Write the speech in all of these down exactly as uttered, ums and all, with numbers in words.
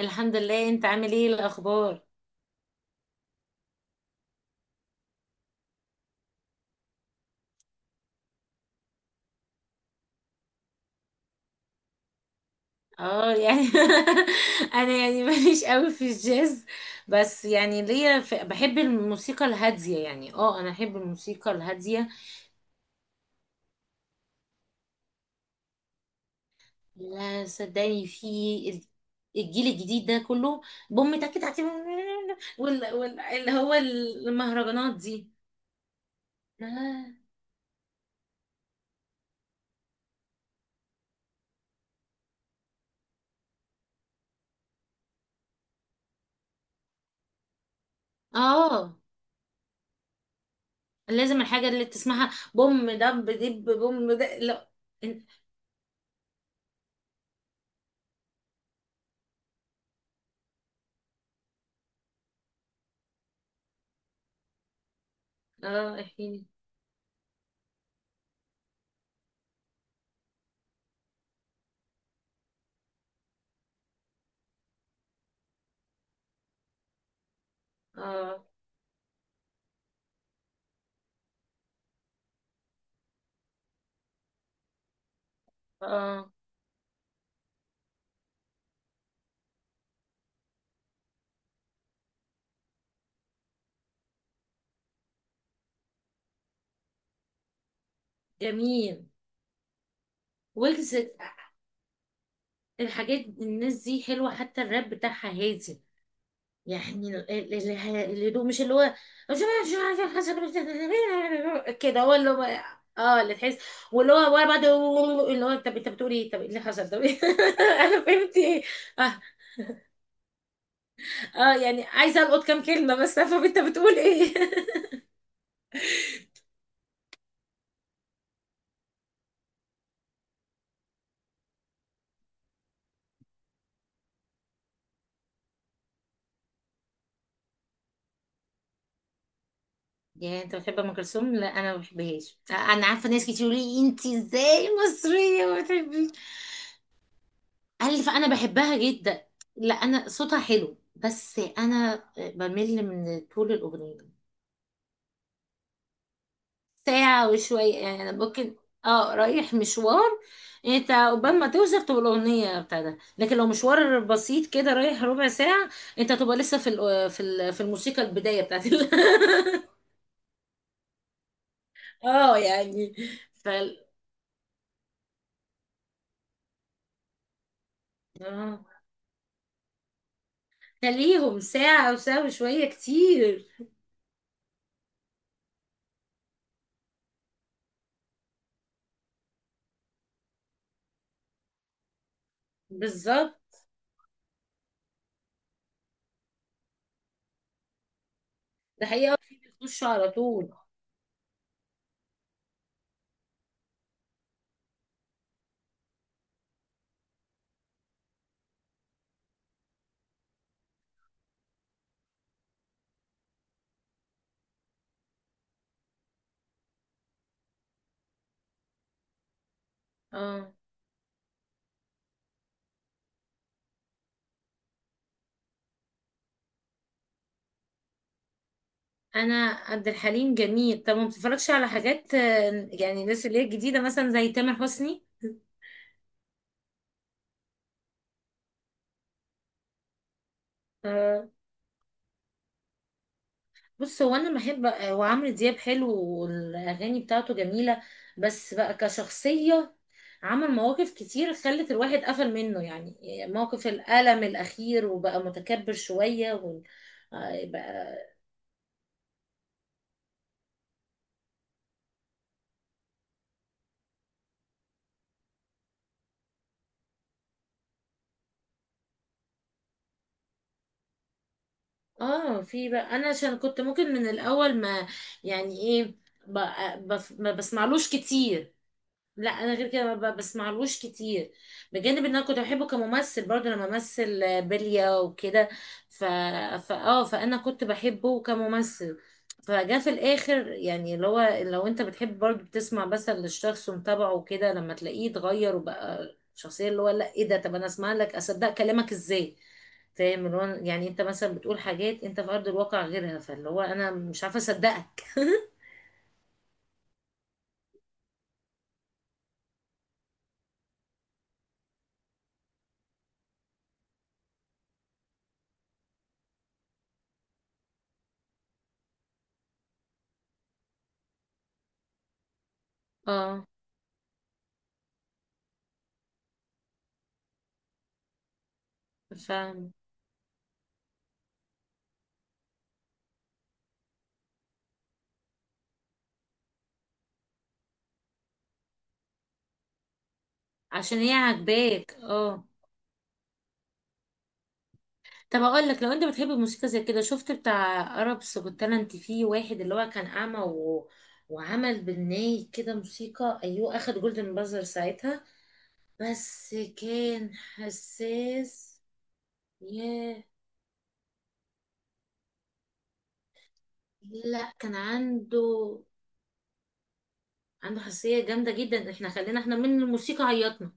الحمد لله، انت عامل ايه الاخبار؟ اه يعني. انا يعني ماليش قوي في الجاز. بس يعني ليا في... بحب الموسيقى الهاديه يعني اه انا احب الموسيقى الهاديه. لا صدقني في الجيل الجديد ده كله بوم تك تك وال... وال... اللي هو المهرجانات دي. اه اه لازم الحاجه اللي تسمعها بوم دب دب بوم ده، لا. اه احكيلي. اه اه جميل، ويجز. الحاجات الناس دي حلوة، حتى الراب بتاعها هادي يعني ال- ال- ال- الهدوء، مش اللي هو كده هو اللي هو. اه اللي تحس، واللي هو ورا بعض، اللي هو طب انت بتقول ايه؟ طب إيه اللي حصل؟ طب إيه؟ انا فهمت ايه؟ اه اه يعني عايزه القط كام كلمه بس افهم انت بتقول ايه. يعني انت بتحب ام كلثوم؟ لا انا ما بحبهاش، انا عارفه ناس كتير يقولوا لي انت ازاي مصريه ما بتحبيش. قال لي فانا بحبها جدا! لا انا صوتها حلو بس انا بمل من طول الاغنيه. ساعه وشويه يعني، انا ممكن اه رايح مشوار، انت قبل ما توصل تبقى الاغنيه بتاعتها، لكن لو مشوار بسيط كده رايح ربع ساعه انت تبقى لسه في ال- في ال- في الموسيقى البدايه بتاعت ال- اه يعني. ف اه، خليهم ساعه او ساعه وشويه كتير. بالظبط، ده حقيقه في بيخشوا على طول. اه، انا عبد الحليم جميل. طب ما بتتفرجش على حاجات، آه، يعني الناس اللي هي الجديده مثلا زي تامر حسني؟ آه، بص، هو انا بحب، آه، وعمرو دياب حلو والاغاني بتاعته جميله، بس بقى كشخصيه عمل مواقف كتير خلت الواحد قفل منه يعني. موقف الألم الأخير، وبقى متكبر شوية وال... آه، بقى. اه، في بقى انا عشان كنت ممكن من الأول ما يعني ايه، بقى بف... ما بسمعلوش كتير. لا انا غير كده ما ب- بسمعلوش كتير. بجانب ان انا كنت بحبه كممثل، برضه انا بمثل، آه، بلية وكده. ف... فا اه فانا كنت بحبه كممثل، فجاء في الاخر يعني اللي هو لو انت بتحب برضه، بتسمع بس للشخص ومتابعه وكده، لما تلاقيه اتغير وبقى شخصية اللي هو لا ايه ده، طب انا اسمع لك اصدق كلامك ازاي؟ فاهم اللي هو يعني انت مثلا بتقول حاجات انت في ارض الواقع غيرها، فاللي هو انا مش عارفه اصدقك. اه فاهم، عشان هي عاجباك اه. طب اقول لك، لو انت بتحب الموسيقى زي كده، شفت بتاع عرب كنت انت فيه واحد اللي هو كان اعمى و... وعمل بالناي كده موسيقى، ايوه اخد جولدن بازر ساعتها. بس كان حساس. ياه، لا كان عنده، عنده حساسية جامدة جدا، احنا خلينا احنا من الموسيقى عيطنا.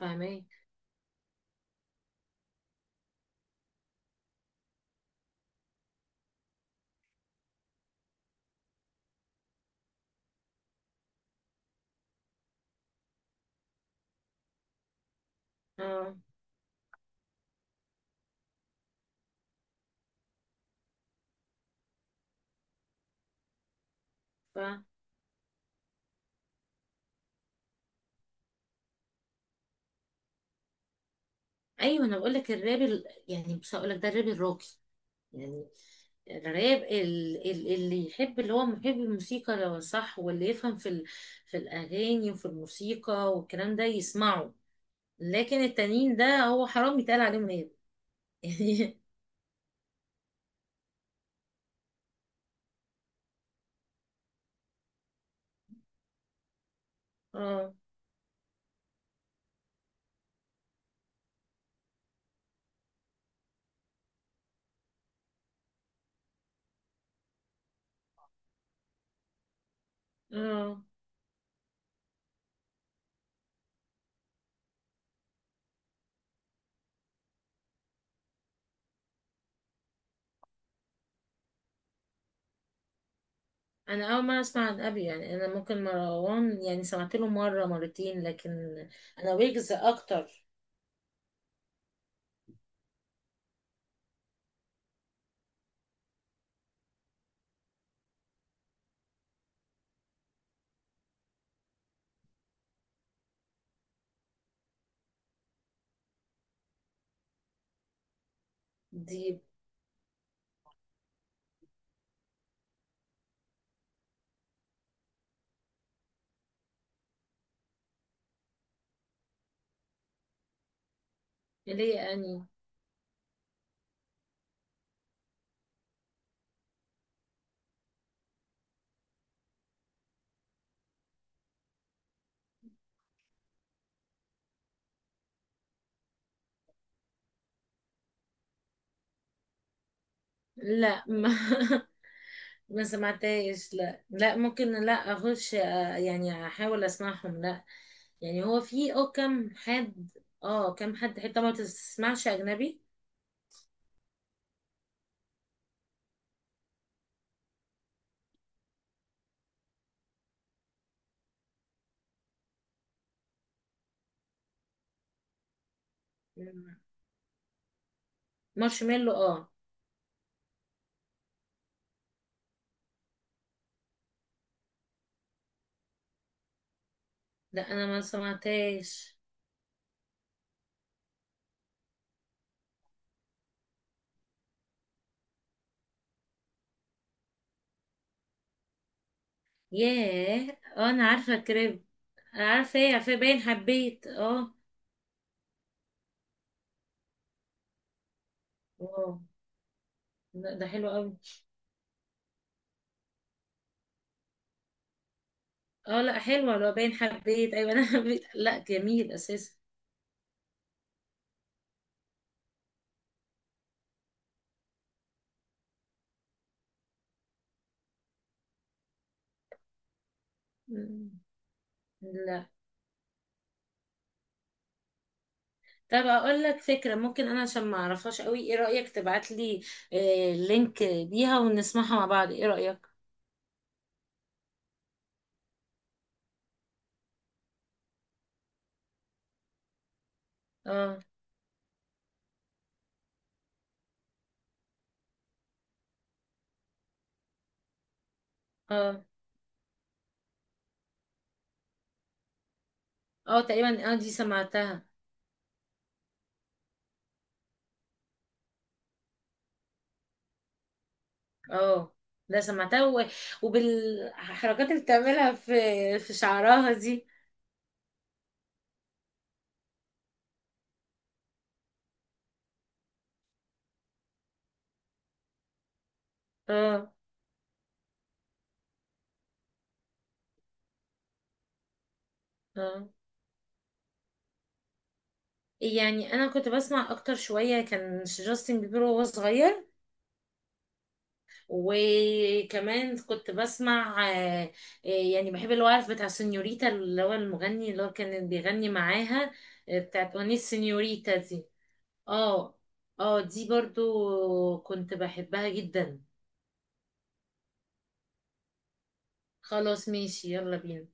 فاهمين. اه. ف... ايوه انا بقول لك، الراب ال... يعني مش هقول لك ده الراب الراقي، يعني الراب ال- ال- اللي يحب، اللي هو محب الموسيقى لو صح، واللي يفهم في ال- في الأغاني وفي الموسيقى والكلام ده يسمعه، لكن التانيين ده هو حرام يتقال عليهم راب. يعني اه. اه انا اول مره اسمع عن ابي يعني، انا ممكن مروان يعني سمعت له مره مرتين، لكن انا ويجز اكتر. دي ليه اني لا ما ما سمعتهاش، لا لا ممكن، لا اخش آه، يعني احاول اسمعهم. لا يعني هو في او كم حد؟ اه كم حد حتى ما تسمعش اجنبي؟ مم. مارشميلو، اه. لا انا ما سمعتهاش. ياه اه، انا عارفه كريب. انا عارفه، ايه، عارفه باين حبيت اه. واو! لا ده حلو قوي. اه لا حلوه، لو باين حبيت ايوه انا حبيت، لا جميل اساسا. مم. لا. طب اقول لك فكرة، ممكن انا عشان ما اعرفهاش قوي، ايه رأيك تبعت لي آه لينك ليها ونسمعها مع بعض، ايه رأيك؟ اه اه اه تقريبا، اه دي سمعتها. اه ده سمعتها و... وبالحركات اللي بتعملها في في شعرها دي. اه اه يعني انا كنت بسمع اكتر شوية، كان جاستن بيبر وهو صغير، وكمان كنت بسمع، آه، آه، يعني بحب الوقف بتاع سينيوريتا، اللي هو المغني اللي هو كان بيغني معاها، آه، بتاعت أغنية سينيوريتا دي. اه اه دي برضو كنت بحبها جدا. خلاص ماشي، يلا بينا.